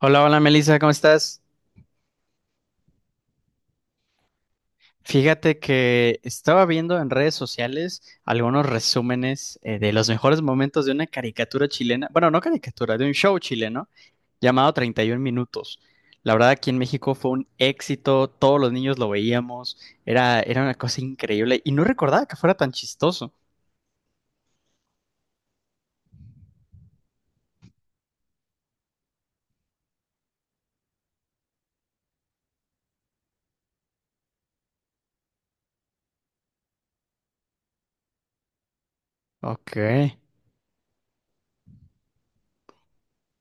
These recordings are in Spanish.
Hola, hola Melissa, ¿cómo estás? Fíjate que estaba viendo en redes sociales algunos resúmenes de los mejores momentos de una caricatura chilena, bueno, no caricatura, de un show chileno llamado 31 Minutos. La verdad, aquí en México fue un éxito, todos los niños lo veíamos, era una cosa increíble y no recordaba que fuera tan chistoso. Ok.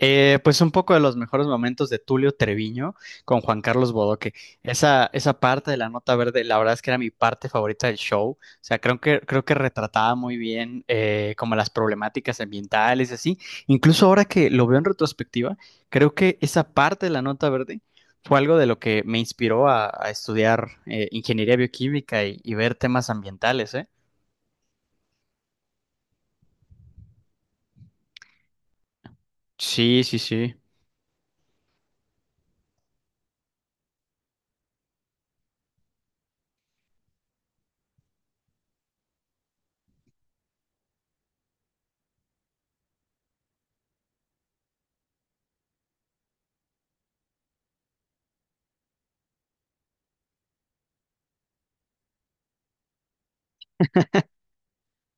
Pues un poco de los mejores momentos de Tulio Treviño con Juan Carlos Bodoque. Esa parte de la nota verde, la verdad es que era mi parte favorita del show. O sea, creo que retrataba muy bien como las problemáticas ambientales y así. Incluso ahora que lo veo en retrospectiva, creo que esa parte de la nota verde fue algo de lo que me inspiró a estudiar ingeniería bioquímica y ver temas ambientales, ¿eh? Sí, sí, sí.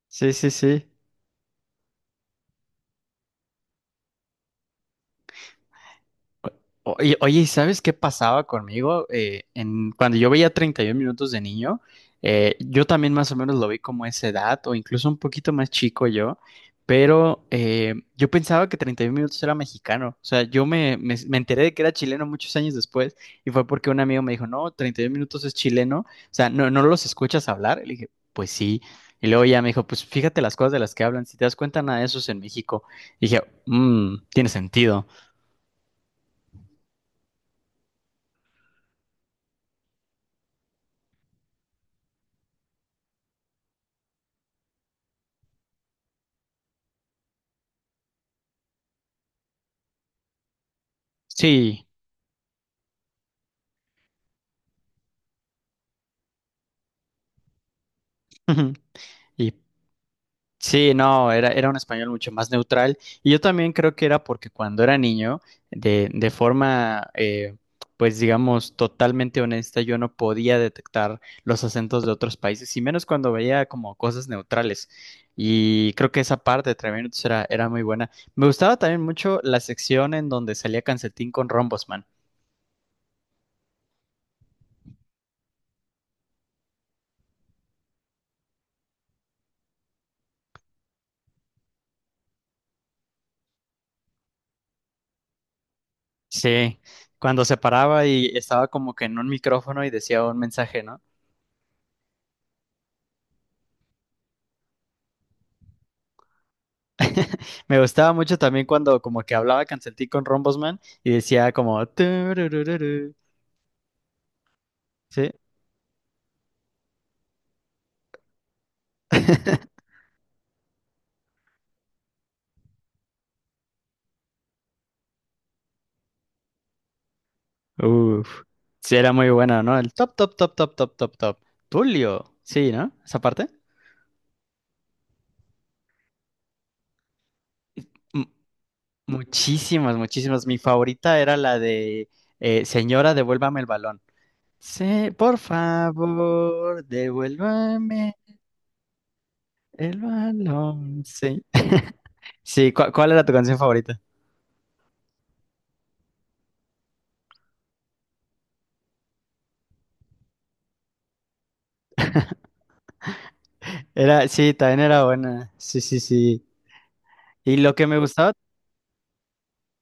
Sí, sí, sí. Oye, oye, ¿sabes qué pasaba conmigo? Cuando yo veía 31 minutos de niño, yo también más o menos lo vi como esa edad, o incluso un poquito más chico yo, pero yo pensaba que 31 minutos era mexicano. O sea, yo me enteré de que era chileno muchos años después, y fue porque un amigo me dijo, no, 31 minutos es chileno, o sea, no, no los escuchas hablar. Y le dije, pues sí. Y luego ya me dijo, pues fíjate las cosas de las que hablan, si te das cuenta, nada de eso es en México. Y dije, mmm, tiene sentido. Sí. Ujú. Y sí, no, era un español mucho más neutral. Y yo también creo que era porque cuando era niño, de forma, pues digamos, totalmente honesta, yo no podía detectar los acentos de otros países, y menos cuando veía como cosas neutrales. Y creo que esa parte de Tres Minutos era muy buena. Me gustaba también mucho la sección en donde salía Cancetín con Rombosman. Sí, cuando se paraba y estaba como que en un micrófono y decía un mensaje, ¿no? Me gustaba mucho también cuando como que hablaba Canceltí con Rombosman y decía como: "Tururururu". ¿Sí? Uf. Sí, era muy bueno, ¿no? El top, top, top, top, top, top, top. Tulio. Sí, ¿no? Esa parte. Mu- muchísimas, muchísimas. Mi favorita era la de Señora, devuélvame el balón. Sí, por favor, devuélvame el balón. Sí. Sí, ¿cuál era tu canción favorita? Era, sí, también era buena. Sí, sí, sí. Y lo que me gustaba.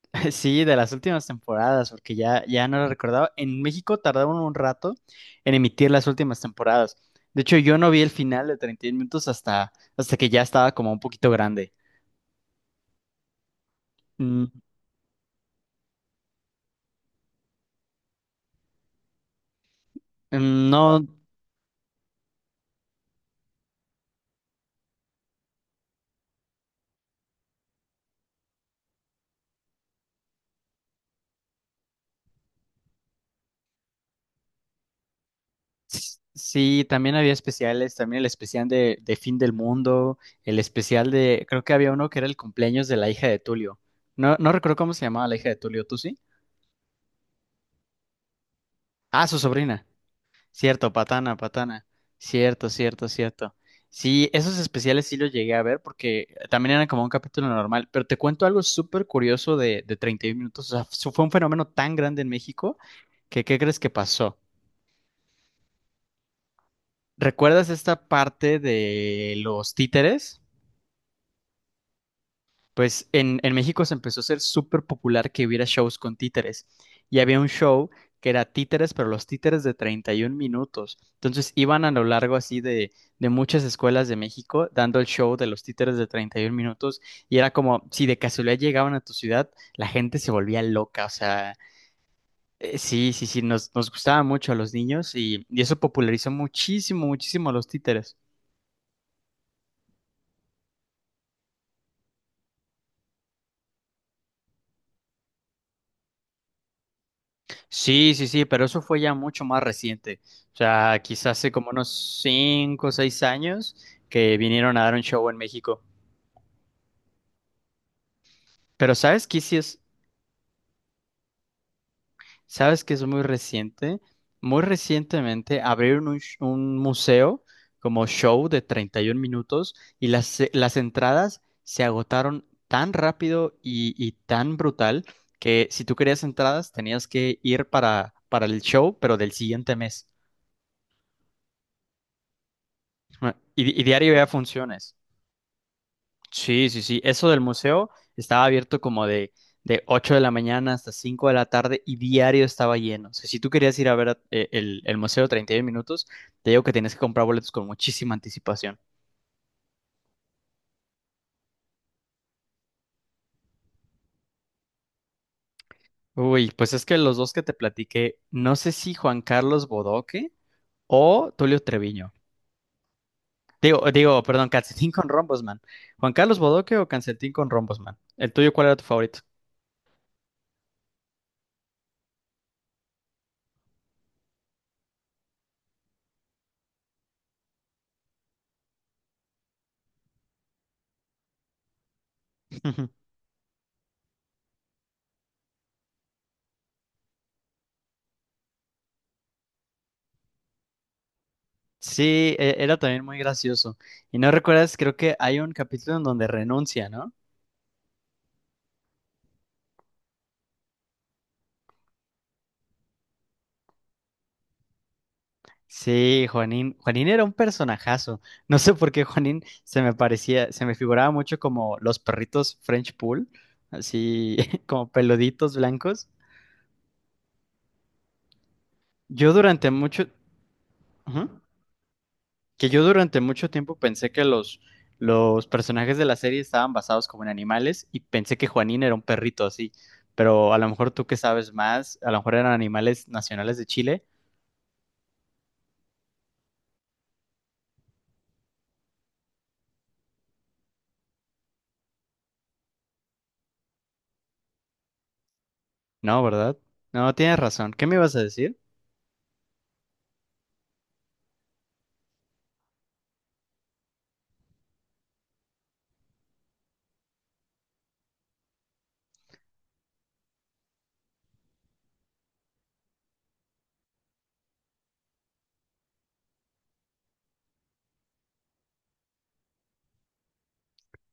Sí, de las últimas temporadas, porque ya no lo recordaba. En México tardaron un rato en emitir las últimas temporadas. De hecho, yo no vi el final de 31 minutos hasta que ya estaba como un poquito grande. Mm, mm, no, sí, también había especiales, también el especial de Fin del Mundo, el especial de, creo que había uno que era el cumpleaños de la hija de Tulio. No, no recuerdo cómo se llamaba la hija de Tulio, ¿tú sí? Ah, su sobrina. Cierto, Patana, Patana. Cierto, cierto, cierto. Sí, esos especiales sí los llegué a ver porque también eran como un capítulo normal, pero te cuento algo súper curioso de 31 minutos. O sea, fue un fenómeno tan grande en México que, ¿qué crees que pasó? ¿Recuerdas esta parte de los títeres? Pues en México se empezó a ser súper popular que hubiera shows con títeres. Y había un show que era títeres, pero los títeres de 31 minutos. Entonces iban a lo largo así de muchas escuelas de México dando el show de los títeres de 31 minutos. Y era como si de casualidad llegaban a tu ciudad, la gente se volvía loca. O sea, sí, sí, sí, nos gustaba mucho a los niños y eso popularizó muchísimo, muchísimo a los títeres. Sí, sí, sí, pero eso fue ya mucho más reciente. O sea, quizás hace como unos 5 o 6 años que vinieron a dar un show en México. Pero ¿sabes qué sí es? ¿Sabes que es muy reciente? Muy recientemente abrieron un museo como show de 31 minutos y las entradas se agotaron tan rápido y tan brutal que si tú querías entradas tenías que ir para el show, pero del siguiente mes. Ah, y diario había funciones. Sí, sí, sí. Eso del museo estaba abierto como de 8 de la mañana hasta 5 de la tarde y diario estaba lleno. O sea, si tú querías ir a ver el museo 31 minutos, te digo que tenías que comprar boletos con muchísima anticipación. Uy, pues es que los dos que te platiqué, no sé si Juan Carlos Bodoque o Tulio Treviño. Digo, perdón, Calcetín con Rombosman. ¿Juan Carlos Bodoque o Calcetín con Rombosman? ¿El tuyo cuál era tu favorito? Sí, era también muy gracioso. Y no recuerdas, creo que hay un capítulo en donde renuncia, ¿no? Sí, Juanín. Juanín era un personajazo. No sé por qué Juanín se me parecía, se me figuraba mucho como los perritos French Poodle, así como peluditos blancos. Yo durante mucho, Ujú. Que yo durante mucho tiempo pensé que los personajes de la serie estaban basados como en animales y pensé que Juanín era un perrito así. Pero a lo mejor tú que sabes más, a lo mejor eran animales nacionales de Chile. No, ¿verdad? No, tienes razón. ¿Qué me ibas a decir?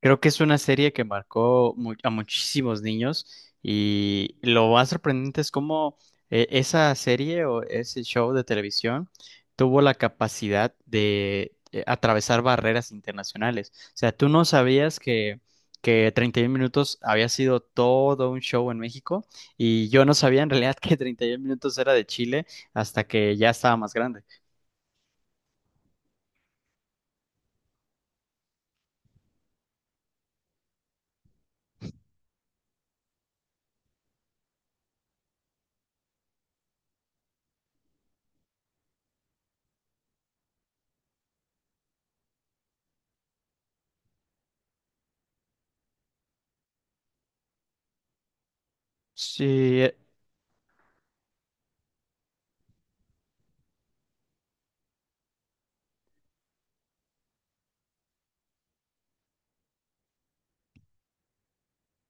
Creo que es una serie que marcó a muchísimos niños y lo más sorprendente es cómo esa serie o ese show de televisión tuvo la capacidad de atravesar barreras internacionales. O sea, tú no sabías que 31 minutos había sido todo un show en México y yo no sabía en realidad que 31 minutos era de Chile hasta que ya estaba más grande. Sí,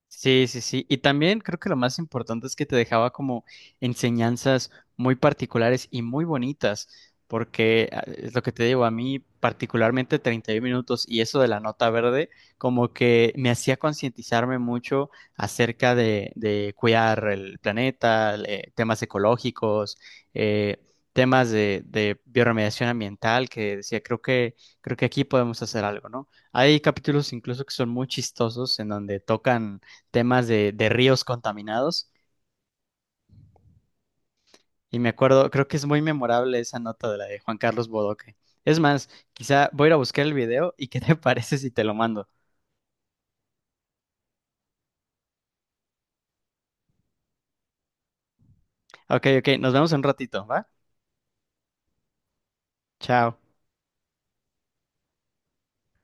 sí, sí, sí. Y también creo que lo más importante es que te dejaba como enseñanzas muy particulares y muy bonitas, porque es lo que te digo, a mí particularmente 31 minutos y eso de la nota verde, como que me hacía concientizarme mucho acerca de cuidar el planeta, temas ecológicos, eh, temas de bioremediación ambiental, que decía, creo que aquí podemos hacer algo, ¿no? Hay capítulos incluso que son muy chistosos en donde tocan temas de ríos contaminados. Y me acuerdo, creo que es muy memorable esa nota de la de Juan Carlos Bodoque. Es más, quizá voy a ir a buscar el video y qué te parece si te lo mando. Ok, ok, nos vemos en un ratito, ¿va? Chao.